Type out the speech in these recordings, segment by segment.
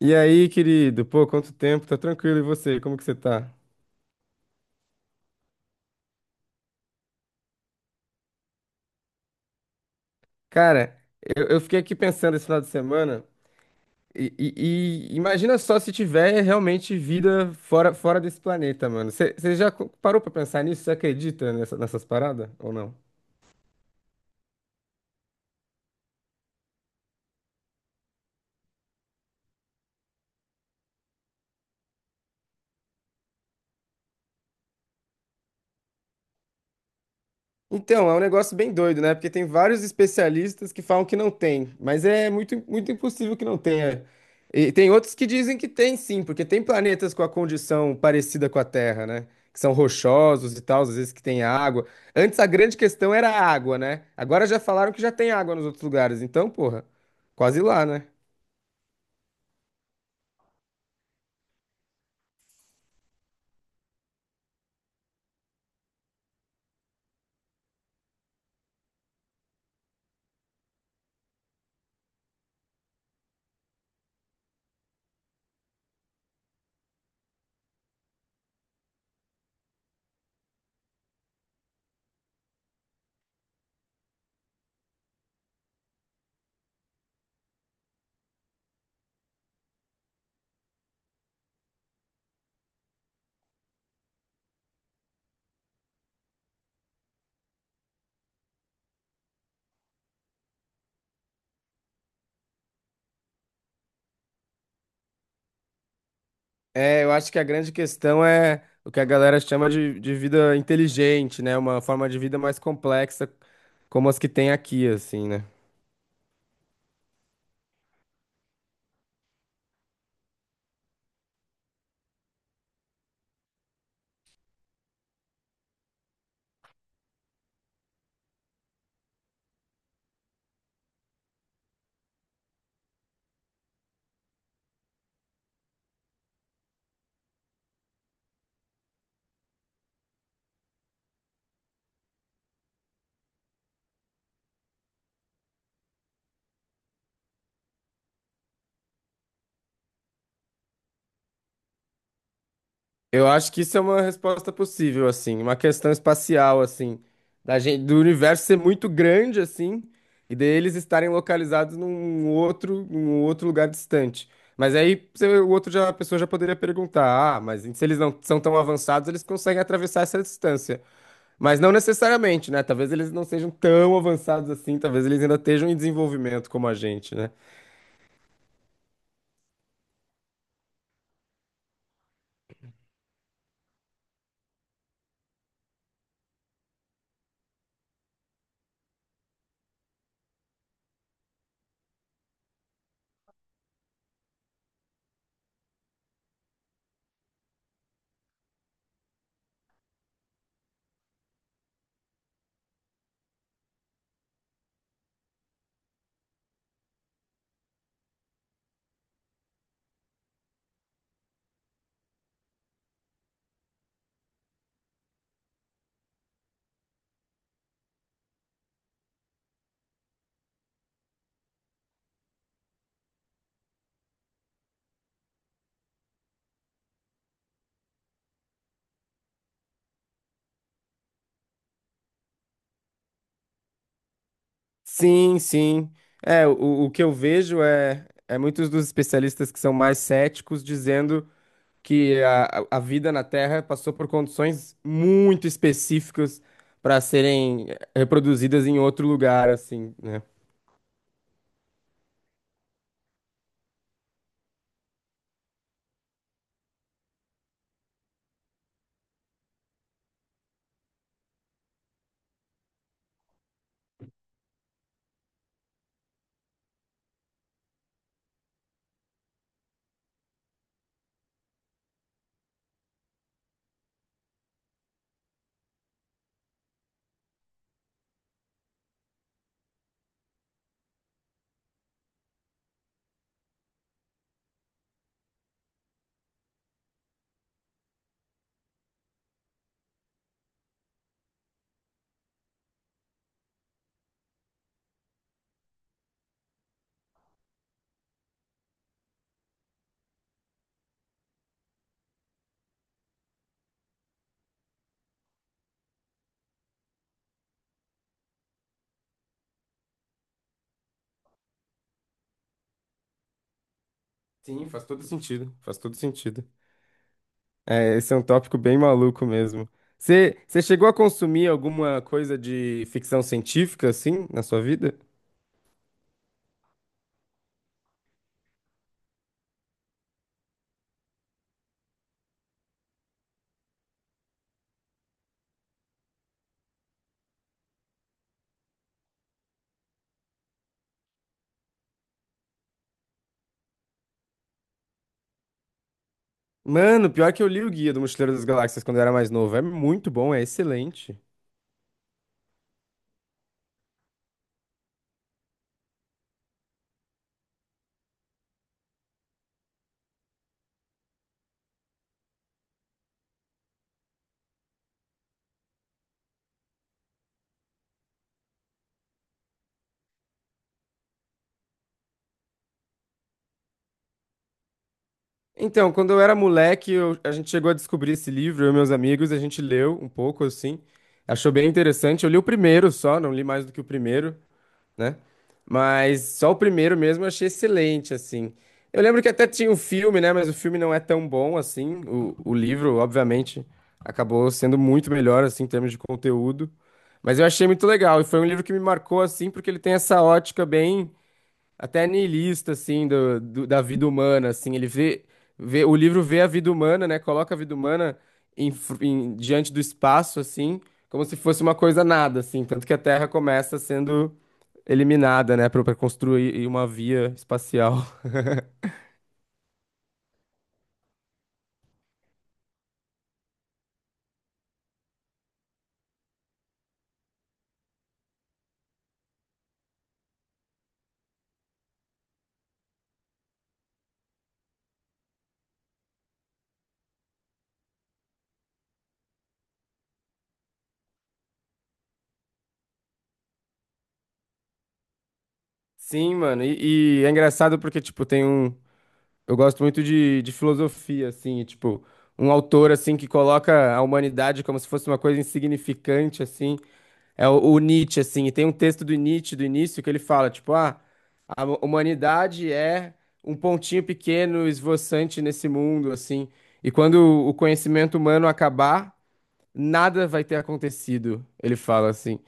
E aí, querido? Pô, quanto tempo? Tá tranquilo, e você? Como que você tá? Cara, eu fiquei aqui pensando esse final de semana e imagina só se tiver realmente vida fora, fora desse planeta, mano. Você parou pra pensar nisso? Você acredita nessas paradas ou não? Então, é um negócio bem doido, né? Porque tem vários especialistas que falam que não tem, mas é muito, muito impossível que não tenha. E tem outros que dizem que tem sim, porque tem planetas com a condição parecida com a Terra, né? Que são rochosos e tal, às vezes que tem água. Antes a grande questão era a água, né? Agora já falaram que já tem água nos outros lugares, então, porra, quase lá, né? É, eu acho que a grande questão é o que a galera chama de vida inteligente, né? Uma forma de vida mais complexa, como as que tem aqui, assim, né? Eu acho que isso é uma resposta possível, assim, uma questão espacial, assim, da gente, do universo ser muito grande, assim, e deles estarem localizados num outro lugar distante. Mas o outro já, a pessoa já poderia perguntar: ah, mas se eles não são tão avançados, eles conseguem atravessar essa distância. Mas não necessariamente, né? Talvez eles não sejam tão avançados assim, talvez eles ainda estejam em desenvolvimento como a gente, né? Sim, sim. É, o que eu vejo é, é muitos dos especialistas que são mais céticos dizendo que a vida na Terra passou por condições muito específicas para serem reproduzidas em outro lugar, assim, né? Sim, faz todo sentido. Faz todo sentido. É, esse é um tópico bem maluco mesmo. Você chegou a consumir alguma coisa de ficção científica, assim, na sua vida? Mano, pior que eu li o Guia do Mochileiro das Galáxias quando eu era mais novo. É muito bom, é excelente. Então, quando eu era moleque, a gente chegou a descobrir esse livro, eu e meus amigos, a gente leu um pouco assim, achou bem interessante. Eu li o primeiro só, não li mais do que o primeiro, né? Mas só o primeiro mesmo eu achei excelente, assim. Eu lembro que até tinha o filme, né? Mas o filme não é tão bom assim. O livro, obviamente, acabou sendo muito melhor, assim, em termos de conteúdo. Mas eu achei muito legal, e foi um livro que me marcou, assim, porque ele tem essa ótica bem até niilista, assim, da vida humana, assim, ele vê, vê, o livro vê a vida humana, né, coloca a vida humana diante do espaço, assim, como se fosse uma coisa nada, assim, tanto que a Terra começa sendo eliminada, né, para construir uma via espacial. Sim, mano, e é engraçado porque, tipo, tem um... Eu gosto muito de filosofia, assim, e, tipo, um autor, assim, que coloca a humanidade como se fosse uma coisa insignificante, assim. É o Nietzsche, assim, e tem um texto do Nietzsche do início que ele fala, tipo, ah, a humanidade é um pontinho pequeno esvoaçante nesse mundo, assim, e quando o conhecimento humano acabar, nada vai ter acontecido, ele fala assim.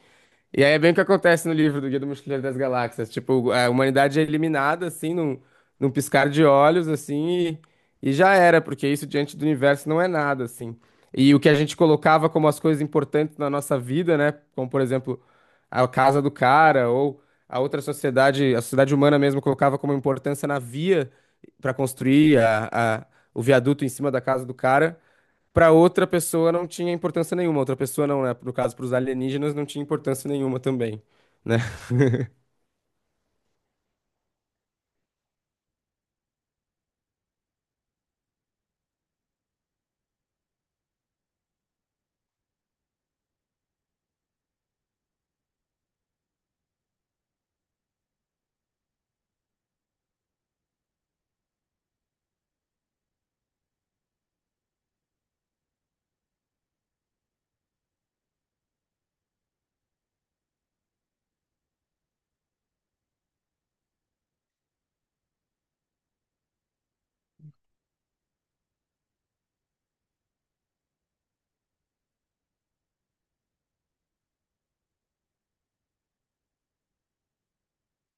E aí é bem o que acontece no livro do Guia do Mochileiro das Galáxias. Tipo, a humanidade é eliminada, assim, num piscar de olhos, assim, e já era, porque isso diante do universo não é nada, assim. E o que a gente colocava como as coisas importantes na nossa vida, né? Como, por exemplo, a casa do cara, ou a outra sociedade, a sociedade humana mesmo colocava como importância na via para construir a- o viaduto em cima da casa do cara para outra pessoa não tinha importância nenhuma. Outra pessoa não, né? No caso, para os alienígenas não tinha importância nenhuma também, né?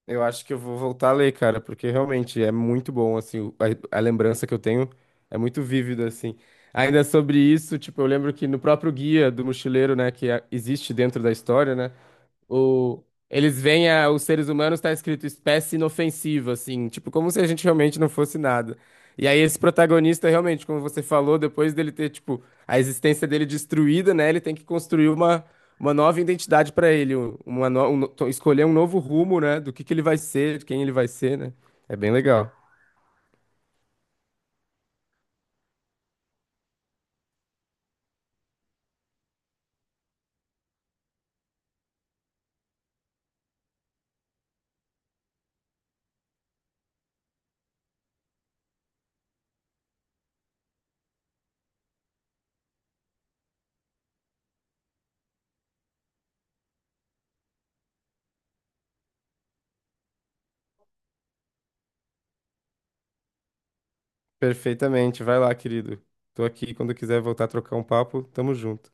Eu acho que eu vou voltar a ler, cara, porque realmente é muito bom, assim, a lembrança que eu tenho é muito vívida, assim. Ainda sobre isso, tipo, eu lembro que no próprio Guia do Mochileiro, né, que existe dentro da história, né? O, eles os seres humanos, tá escrito espécie inofensiva, assim, tipo, como se a gente realmente não fosse nada. E aí esse protagonista, realmente, como você falou, depois dele ter, tipo, a existência dele destruída, né, ele tem que construir uma nova identidade pra ele, um- uma no- um no- to- escolher um novo rumo, né, do que ele vai ser, de quem ele vai ser, né. É bem legal. Perfeitamente. Vai lá, querido. Tô aqui, quando quiser voltar a trocar um papo, tamo junto.